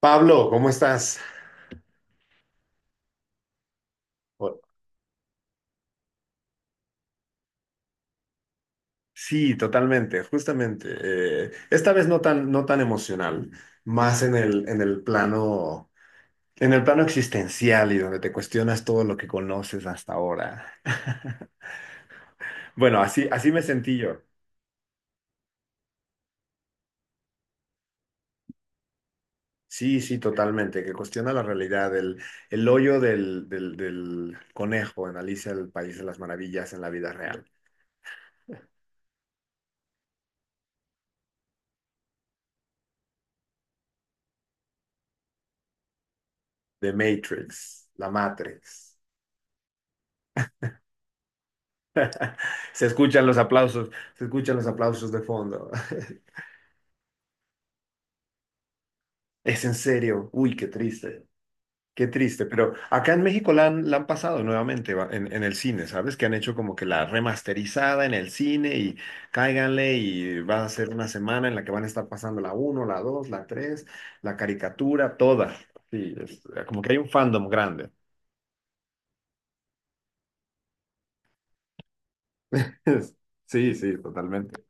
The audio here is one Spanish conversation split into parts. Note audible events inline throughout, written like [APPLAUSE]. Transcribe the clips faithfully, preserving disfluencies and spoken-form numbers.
Pablo, ¿cómo estás? O- Sí, totalmente, justamente. Eh, esta vez no tan, no tan emocional, más en el, en el plano, en el plano existencial y donde te cuestionas todo lo que conoces hasta ahora. [LAUGHS] Bueno, así, así me sentí yo. Sí, sí, totalmente, que cuestiona la realidad, el, el hoyo del, del, del conejo en Alicia, el País de las Maravillas en la vida real, de Matrix, la Matrix. Se escuchan los aplausos, se escuchan los aplausos de fondo. [LAUGHS] Es en serio, uy, qué triste, qué triste, pero acá en México la han, la han pasado nuevamente va- en, en el cine, ¿sabes? Que han hecho como que la remasterizada en el cine y cáiganle, y va a ser una semana en la que van a estar pasando la uno, la dos, la tres, la caricatura, toda. Sí, es eh, como que hay un fandom grande. [LAUGHS] Sí, sí, totalmente.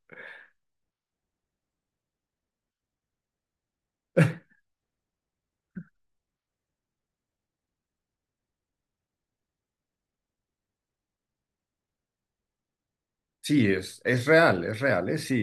Sí, es, es real, es real, es sí.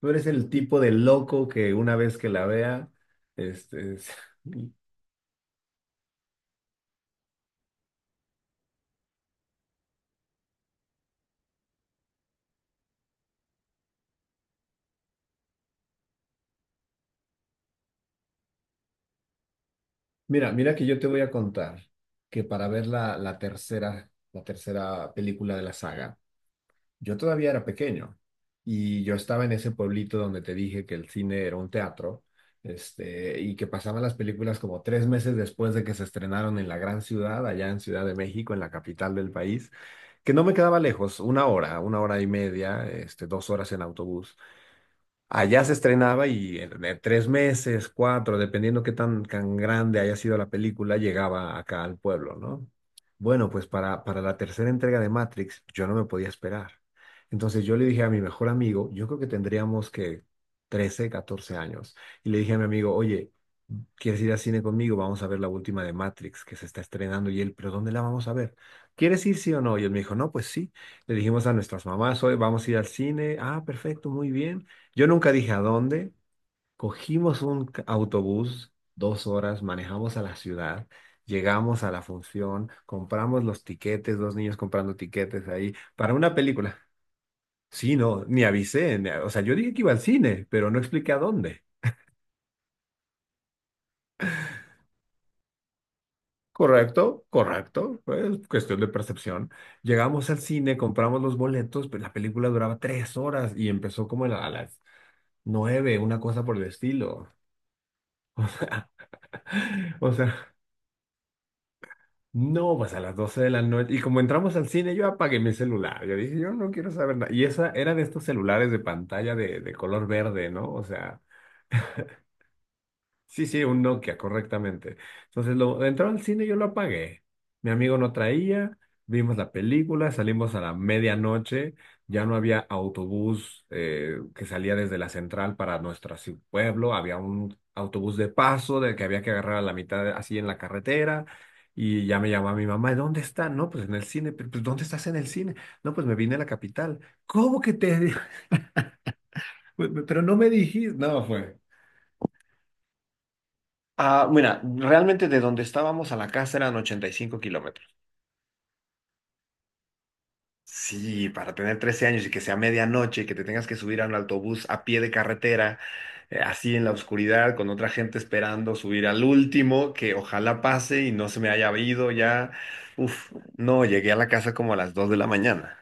Tú eres el tipo de loco que una vez que la vea, este, es- [LAUGHS] Mira, mira que yo te voy a contar que para ver la, la tercera, la tercera película de la saga, yo todavía era pequeño y yo estaba en ese pueblito donde te dije que el cine era un teatro, este, y que pasaban las películas como tres meses después de que se estrenaron en la gran ciudad, allá en Ciudad de México, en la capital del país, que no me quedaba lejos, una hora, una hora y media, este, dos horas en autobús. Allá se estrenaba y en en tres meses, cuatro, dependiendo qué tan, tan grande haya sido la película, llegaba acá al pueblo, ¿no? Bueno, pues para, para la tercera entrega de Matrix yo no me podía esperar. Entonces yo le dije a mi mejor amigo, yo creo que tendríamos que trece, catorce años, y le dije a mi amigo, oye, ¿quieres ir al cine conmigo? Vamos a ver la última de Matrix que se está estrenando. Y él, ¿pero dónde la vamos a ver? ¿Quieres ir sí o no? Y él me dijo, no, pues sí. Le dijimos a nuestras mamás, hoy vamos a ir al cine. Ah, perfecto, muy bien. Yo nunca dije a dónde. Cogimos un c- autobús, dos horas, manejamos a la ciudad, llegamos a la función, compramos los tiquetes, dos niños comprando tiquetes ahí para una película. Sí, no, ni avisé. Ni a- O sea, yo dije que iba al cine, pero no expliqué a dónde. Correcto, correcto, pues cuestión de percepción. Llegamos al cine, compramos los boletos, pero la película duraba tres horas y empezó como a la- a las nueve, una cosa por el estilo. [LAUGHS] O sea, no, pues a las doce de la noche. Y como entramos al cine, yo apagué mi celular. Yo dije, yo no quiero saber nada. Y esa era de estos celulares de pantalla de, de color verde, ¿no? O sea, sí, sí, un Nokia, correctamente. Entonces, lo, entró al cine, yo lo apagué. Mi amigo no traía, vimos la película, salimos a la medianoche, ya no había autobús eh, que salía desde la central para nuestro así, pueblo, había un autobús de paso del que había que agarrar a la mitad así en la carretera. Y ya me llamaba mi mamá, ¿dónde está? No, pues en el cine. "Pero, Pues, ¿dónde estás en el cine? No, pues me vine a la capital. ¿Cómo que te...?" [LAUGHS] Pero no me dijiste. No, fue. Ah, mira, realmente de donde estábamos a la casa eran ochenta y cinco kilómetros. Sí, para tener trece años y que sea medianoche, y que te tengas que subir a un autobús a pie de carretera, eh, así en la oscuridad, con otra gente esperando subir al último, que ojalá pase y no se me haya ido ya. Uf, no, llegué a la casa como a las dos de la mañana.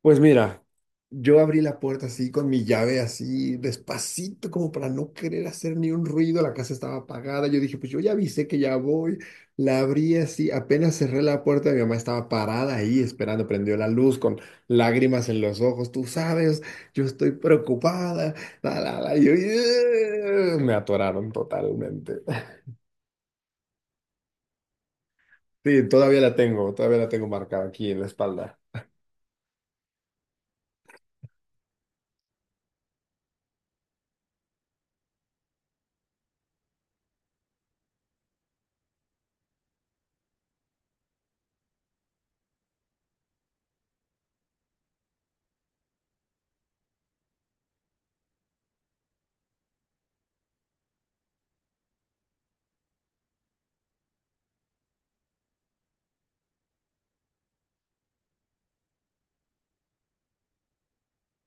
Pues mira, yo abrí la puerta así con mi llave así despacito como para no querer hacer ni un ruido, la casa estaba apagada, yo dije, pues yo ya avisé que ya voy, la abrí así, apenas cerré la puerta, mi mamá estaba parada ahí esperando, prendió la luz con lágrimas en los ojos, tú sabes, yo estoy preocupada, la, la, la, y yo, "Ugh", me atoraron totalmente. [LAUGHS] Sí, todavía la tengo, todavía la tengo marcada aquí en la espalda.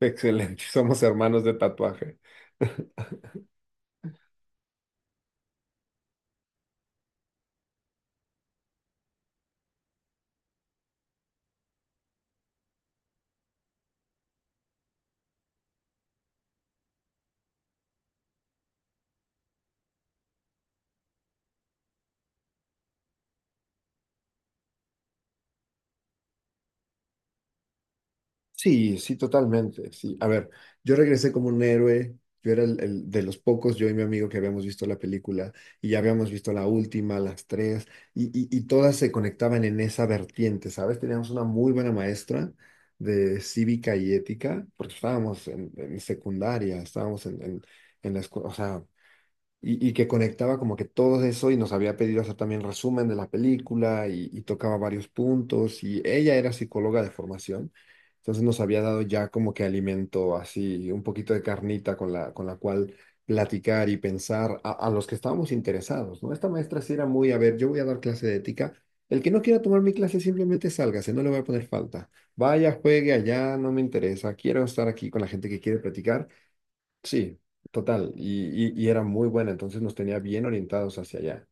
Excelente, somos hermanos de tatuaje. Sí, sí, totalmente. Sí. A ver, yo regresé como un héroe. Yo era el, el de los pocos, yo y mi amigo, que habíamos visto la película y ya habíamos visto la última, las tres, y, y, y todas se conectaban en esa vertiente, ¿sabes? Teníamos una muy buena maestra de cívica y ética, porque estábamos en, en secundaria, estábamos en, en, en la escuela, o sea, y, y que conectaba como que todo eso y nos había pedido hacer también resumen de la película y, y tocaba varios puntos y ella era psicóloga de formación, entonces nos había dado ya como que alimento así, un poquito de carnita con la, con la cual platicar y pensar a, a los que estábamos interesados, ¿no? Esta maestra sí era muy, a ver, yo voy a dar clase de ética. El que no quiera tomar mi clase simplemente sálgase, no le voy a poner falta. Vaya, juegue allá, no me interesa. Quiero estar aquí con la gente que quiere platicar. Sí, total. Y, y, y era muy buena, entonces nos tenía bien orientados hacia allá.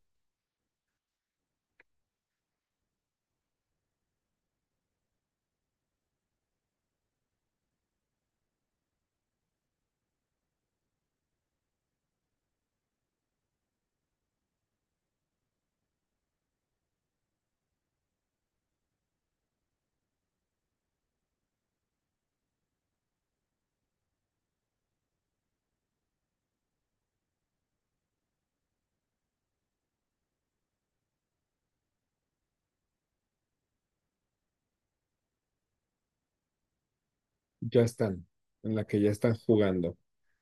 Ya están, en la que ya están jugando.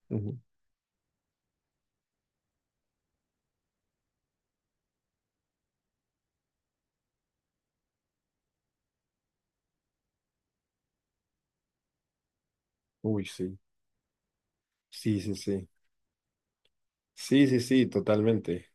Ujú. Uy, sí. Sí, sí, sí. Sí, sí, sí, totalmente.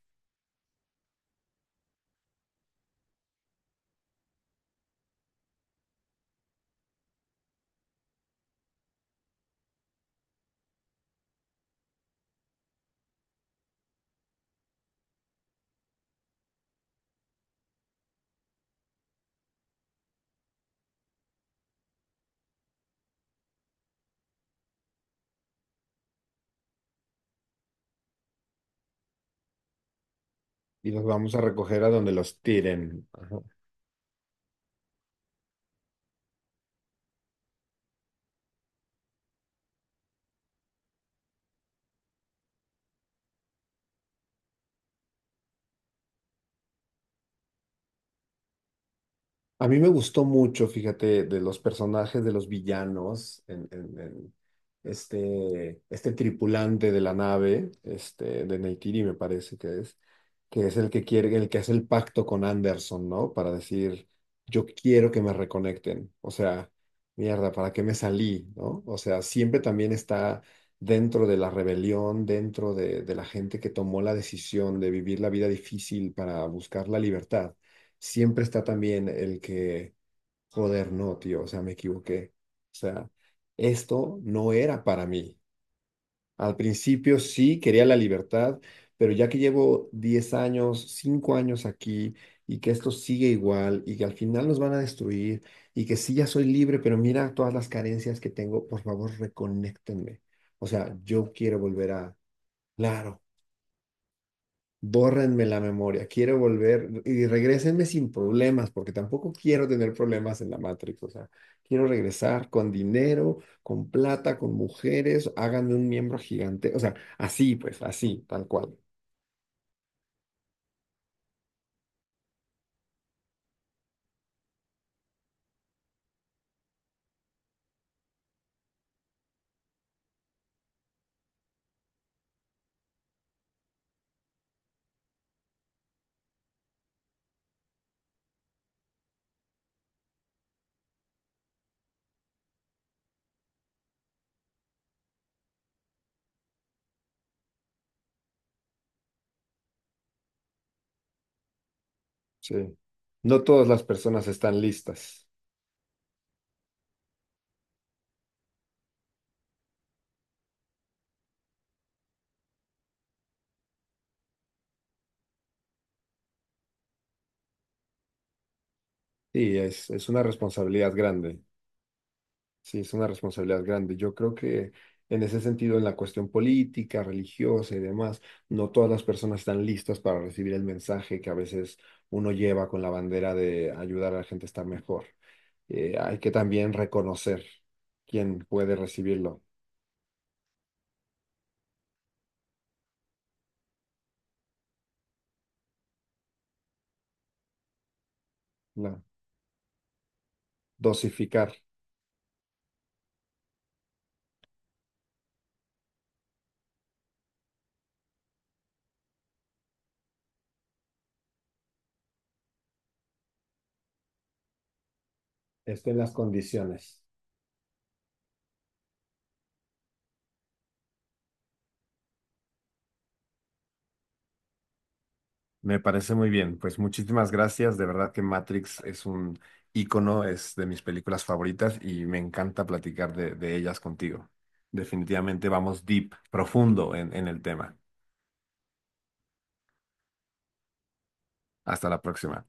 Y los vamos a recoger a donde los tiren. A mí me gustó mucho, fíjate, de los personajes de los villanos, en, en- en este, este tripulante de la nave, este, de Neytiri me parece que es, que es el que quiere, el que hace el pacto con Anderson, ¿no? Para decir, yo quiero que me reconecten. O sea, mierda, ¿para qué me salí? ¿No? O sea, siempre también está dentro de la rebelión, dentro de, de la gente que tomó la decisión de vivir la vida difícil para buscar la libertad, siempre está también el que, joder, no, tío, o sea, me equivoqué. O sea, esto no era para mí. Al principio sí quería la libertad, pero ya que llevo diez años, cinco años aquí y que esto sigue igual y que al final nos van a destruir y que sí ya soy libre, pero mira todas las carencias que tengo, por favor, reconéctenme. O sea, yo quiero volver a, claro, bórrenme la memoria, quiero volver y regrésenme sin problemas, porque tampoco quiero tener problemas en la Matrix, o sea, quiero regresar con dinero, con plata, con mujeres, háganme un miembro gigante, o sea, así pues, así, tal cual. Sí. No todas las personas están listas. Sí, es, es una responsabilidad grande. Sí, es una responsabilidad grande. Yo creo que en ese sentido, en la cuestión política, religiosa y demás, no todas las personas están listas para recibir el mensaje que a veces uno lleva con la bandera de ayudar a la gente a estar mejor. Eh, hay que también reconocer quién puede recibirlo, la- dosificar, estén las condiciones. Me parece muy bien. Pues muchísimas gracias. De verdad que Matrix es un ícono, es de mis películas favoritas y me encanta platicar de, de ellas contigo. Definitivamente vamos deep, profundo en en el tema. Hasta la próxima.